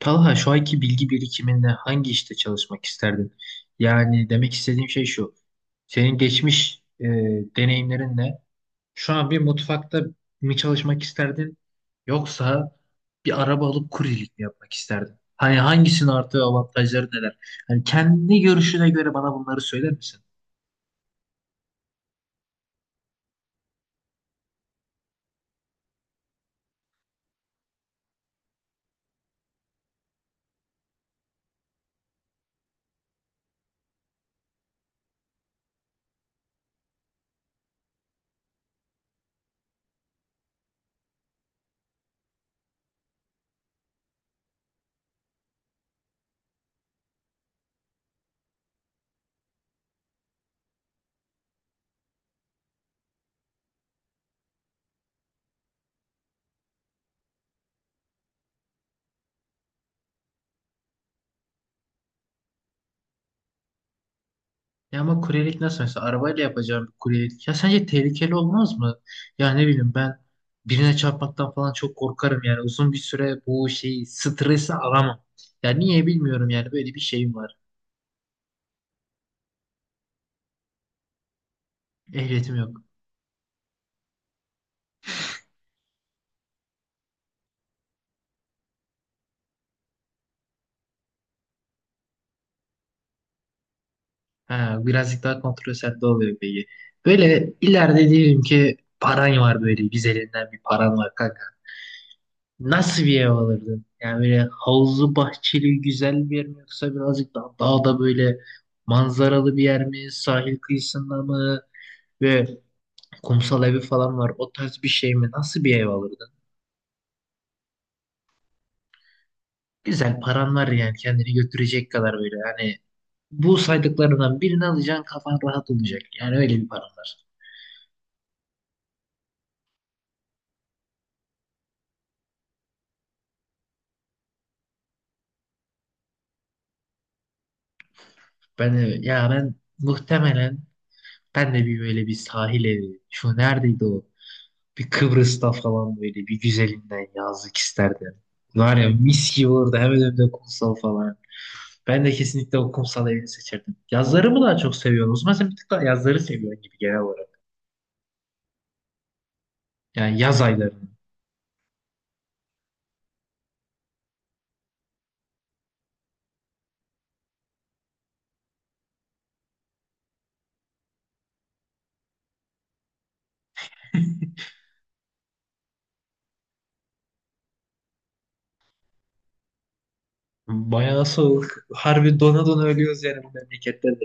Talha şu anki bilgi birikiminde hangi işte çalışmak isterdin? Yani demek istediğim şey şu. Senin geçmiş deneyimlerinle şu an bir mutfakta mı çalışmak isterdin? Yoksa bir araba alıp kuryelik mi yapmak isterdin? Hani hangisinin artı avantajları neler? Hani kendi görüşüne göre bana bunları söyler misin? Ya ama kuryelik nasıl mesela arabayla yapacağım bir kuryelik. Ya sence tehlikeli olmaz mı? Ya ne bileyim ben birine çarpmaktan falan çok korkarım yani uzun bir süre bu şeyi stresi alamam. Ya niye bilmiyorum yani böyle bir şeyim var. Ehliyetim yok. Ha, birazcık daha kontrol sende oluyor peki. Böyle ileride diyelim ki paran var böyle güzelinden bir paran var kanka. Nasıl bir ev alırdın? Yani böyle havuzlu bahçeli güzel bir yer mi yoksa birazcık daha dağda böyle manzaralı bir yer mi? Sahil kıyısında mı? Ve kumsal evi falan var. O tarz bir şey mi? Nasıl bir ev alırdın? Güzel paran var yani kendini götürecek kadar böyle. Yani bu saydıklarından birini alacaksın kafan rahat olacak. Yani öyle bir paran var. Ya ben muhtemelen ben de bir böyle bir sahil evi. Şu neredeydi o? Bir Kıbrıs'ta falan böyle bir güzelinden yazlık isterdim. Var ya mis gibi orada hemen önünde kumsal falan. Ben de kesinlikle o kumsal evini seçerdim. Yazları mı daha çok seviyorsun? O zaman sen bir tık daha yazları seviyorsun gibi genel olarak. Yani yaz aylarını. Bayağı soğuk. Harbi dona dona ölüyoruz yani bu memleketlerde.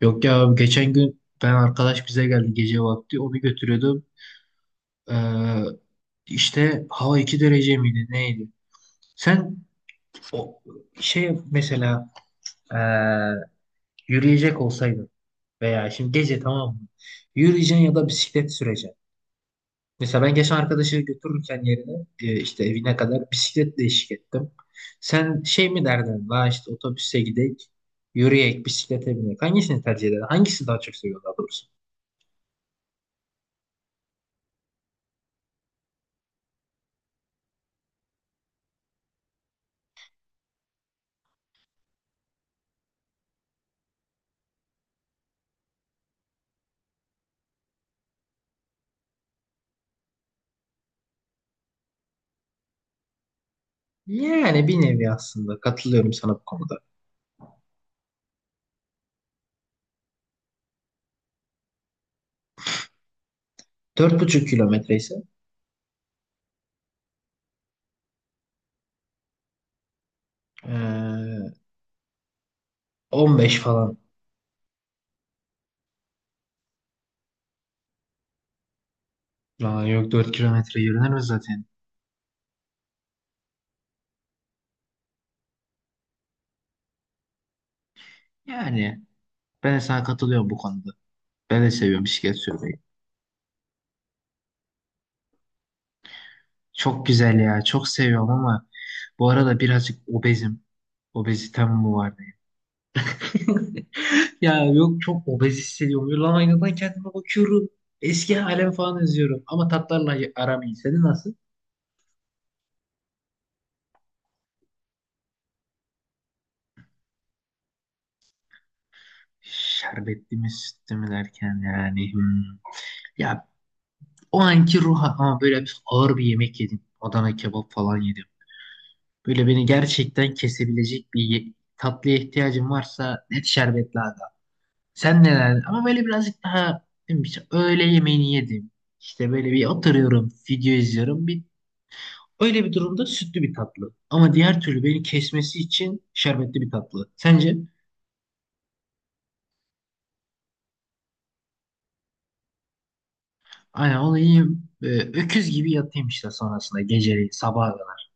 Yok ya abi, geçen gün ben arkadaş bize geldi gece vakti. Onu götürüyordum. Ee, işte hava 2 derece miydi neydi? Sen o şey mesela ee, Yürüyecek olsaydın veya şimdi gece tamam mı? Yürüyeceksin ya da bisiklet süreceksin. Mesela ben geçen arkadaşı götürürken yerine işte evine kadar bisikletle eşlik ettim. Sen şey mi derdin? La işte otobüse gidek, yürüyek, bisiklete binek. Hangisini tercih ederdin? Hangisi daha çok seviyorsun daha doğrusu? Yani bir nevi aslında katılıyorum sana bu konuda. 4,5 kilometre ise e, 15 falan. Aa, yok 4 kilometre yürünür mü zaten? Yani ben de sana katılıyorum bu konuda. Ben de seviyorum bisiklet sürmeyi. Çok güzel ya. Çok seviyorum ama bu arada birazcık obezim. Obezitem mi var diye. Ya yok çok obez hissediyorum. Böyle lan aynadan kendime bakıyorum. Eski halim falan izliyorum. Ama tatlarla aram iyi. Senin nasıl? Şerbetli mi sütlü mü derken yani. Hmm. Ya o anki ruh ama böyle bir ağır bir yemek yedim. Adana kebap falan yedim. Böyle beni gerçekten kesebilecek bir tatlıya ihtiyacım varsa net şerbet lazım. Sen neler? Ama böyle birazcık daha değil mi? İşte öğle yemeğini yedim. İşte böyle bir oturuyorum, video izliyorum. Bir, öyle bir durumda sütlü bir tatlı. Ama diğer türlü beni kesmesi için şerbetli bir tatlı. Sence? Aynen onu yiyeyim. Öküz gibi yatayım işte sonrasında geceleri sabaha kadar.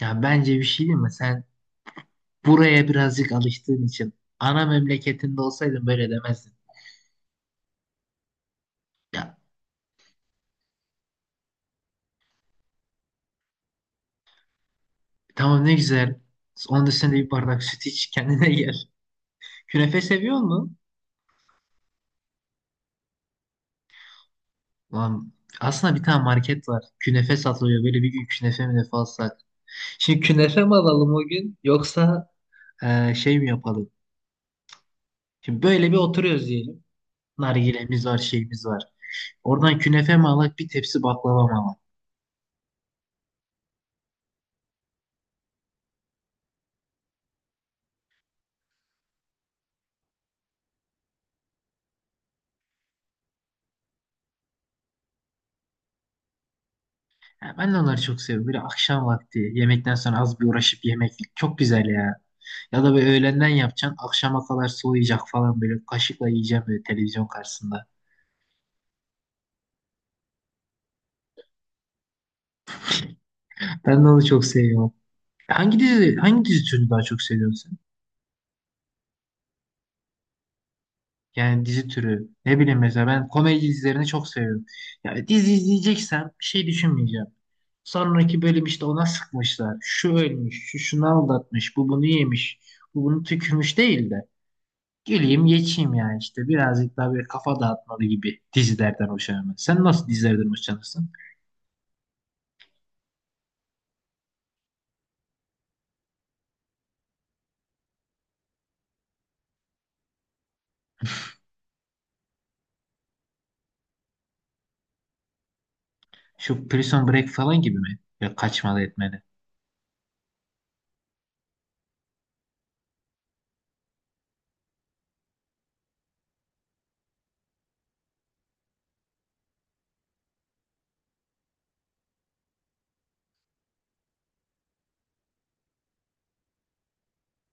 Ya bence bir şey değil mi? Sen buraya birazcık alıştığın için ana memleketinde olsaydın böyle demezdin. Ya tamam ne güzel. Onun üstüne de bir bardak süt iç kendine gel. Künefe seviyor musun? Lan aslında bir tane market var. Künefe satılıyor. Böyle bir gün künefe münefe alsak. Şimdi künefe mi alalım o gün yoksa şey mi yapalım? Şimdi böyle bir oturuyoruz diyelim. Nargilemiz var, şeyimiz var. Oradan künefe mi alak, bir tepsi baklava mı alak? Ya ben de onları çok seviyorum. Böyle akşam vakti yemekten sonra az bir uğraşıp yemek çok güzel ya. Ya da böyle öğlenden yapacaksın, akşama kadar soğuyacak falan böyle kaşıkla yiyeceğim böyle televizyon karşısında. Ben de onu çok seviyorum. Hangi dizi türünü daha çok seviyorsun sen? Yani dizi türü. Ne bileyim mesela ben komedi dizilerini çok seviyorum. Yani dizi izleyeceksem bir şey düşünmeyeceğim. Sonraki bölüm işte ona sıkmışlar. Şu ölmüş, şu şunu aldatmış, bu bunu yemiş, bu bunu tükürmüş değil de. Geleyim geçeyim yani işte birazcık daha böyle kafa dağıtmalı gibi dizilerden hoşlanıyorum. Sen nasıl dizilerden hoşlanırsın? Şu Prison Break falan gibi mi? Ya kaçmalı etmeli.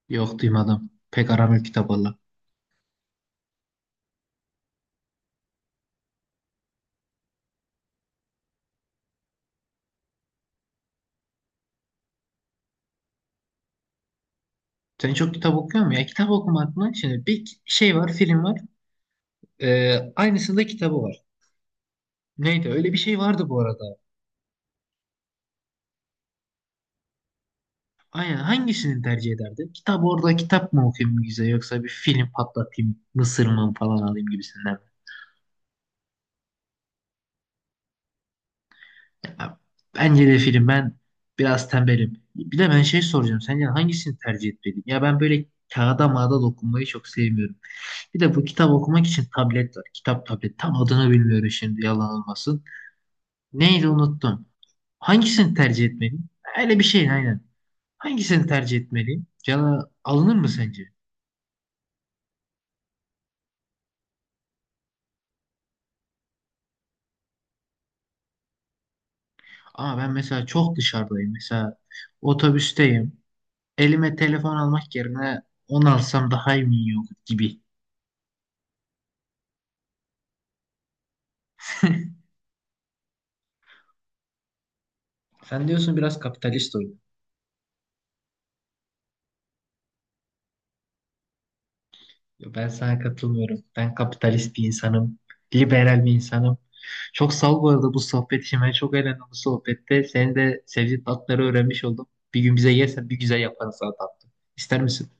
Yok duymadım. Pek aram yok kitap valla. Sen çok kitap okuyor musun ya? Kitap okumak mı? Şimdi bir şey var, film var. Aynısında kitabı var. Neydi? Öyle bir şey vardı bu arada. Aynen. Hangisini tercih ederdin? Kitap orada kitap mı okuyayım güzel yoksa bir film patlatayım, mısır mı falan alayım gibisinden. Ya, bence de film. Ben biraz tembelim. Bir de ben şey soracağım. Sence hangisini tercih etmeliyim? Ya ben böyle kağıda mağda dokunmayı çok sevmiyorum. Bir de bu kitap okumak için tablet var. Kitap tablet. Tam adını bilmiyorum şimdi yalan olmasın. Neydi unuttum. Hangisini tercih etmeliyim? Öyle bir şey aynen. Hangisini tercih etmeliyim? Cana alınır mı sence? Ama ben mesela çok dışarıdayım. Mesela otobüsteyim. Elime telefon almak yerine onu alsam daha iyi mi yok gibi. Sen diyorsun biraz kapitalist oyun. Yo, ben sana katılmıyorum. Ben kapitalist bir insanım. Liberal bir insanım. Çok sağ ol bu arada bu sohbet için. Ben çok eğlendim bu sohbette. Senin de sevdiğin tatları öğrenmiş oldum. Bir gün bize yersen bir güzel yaparız sana tatlı. İster misin?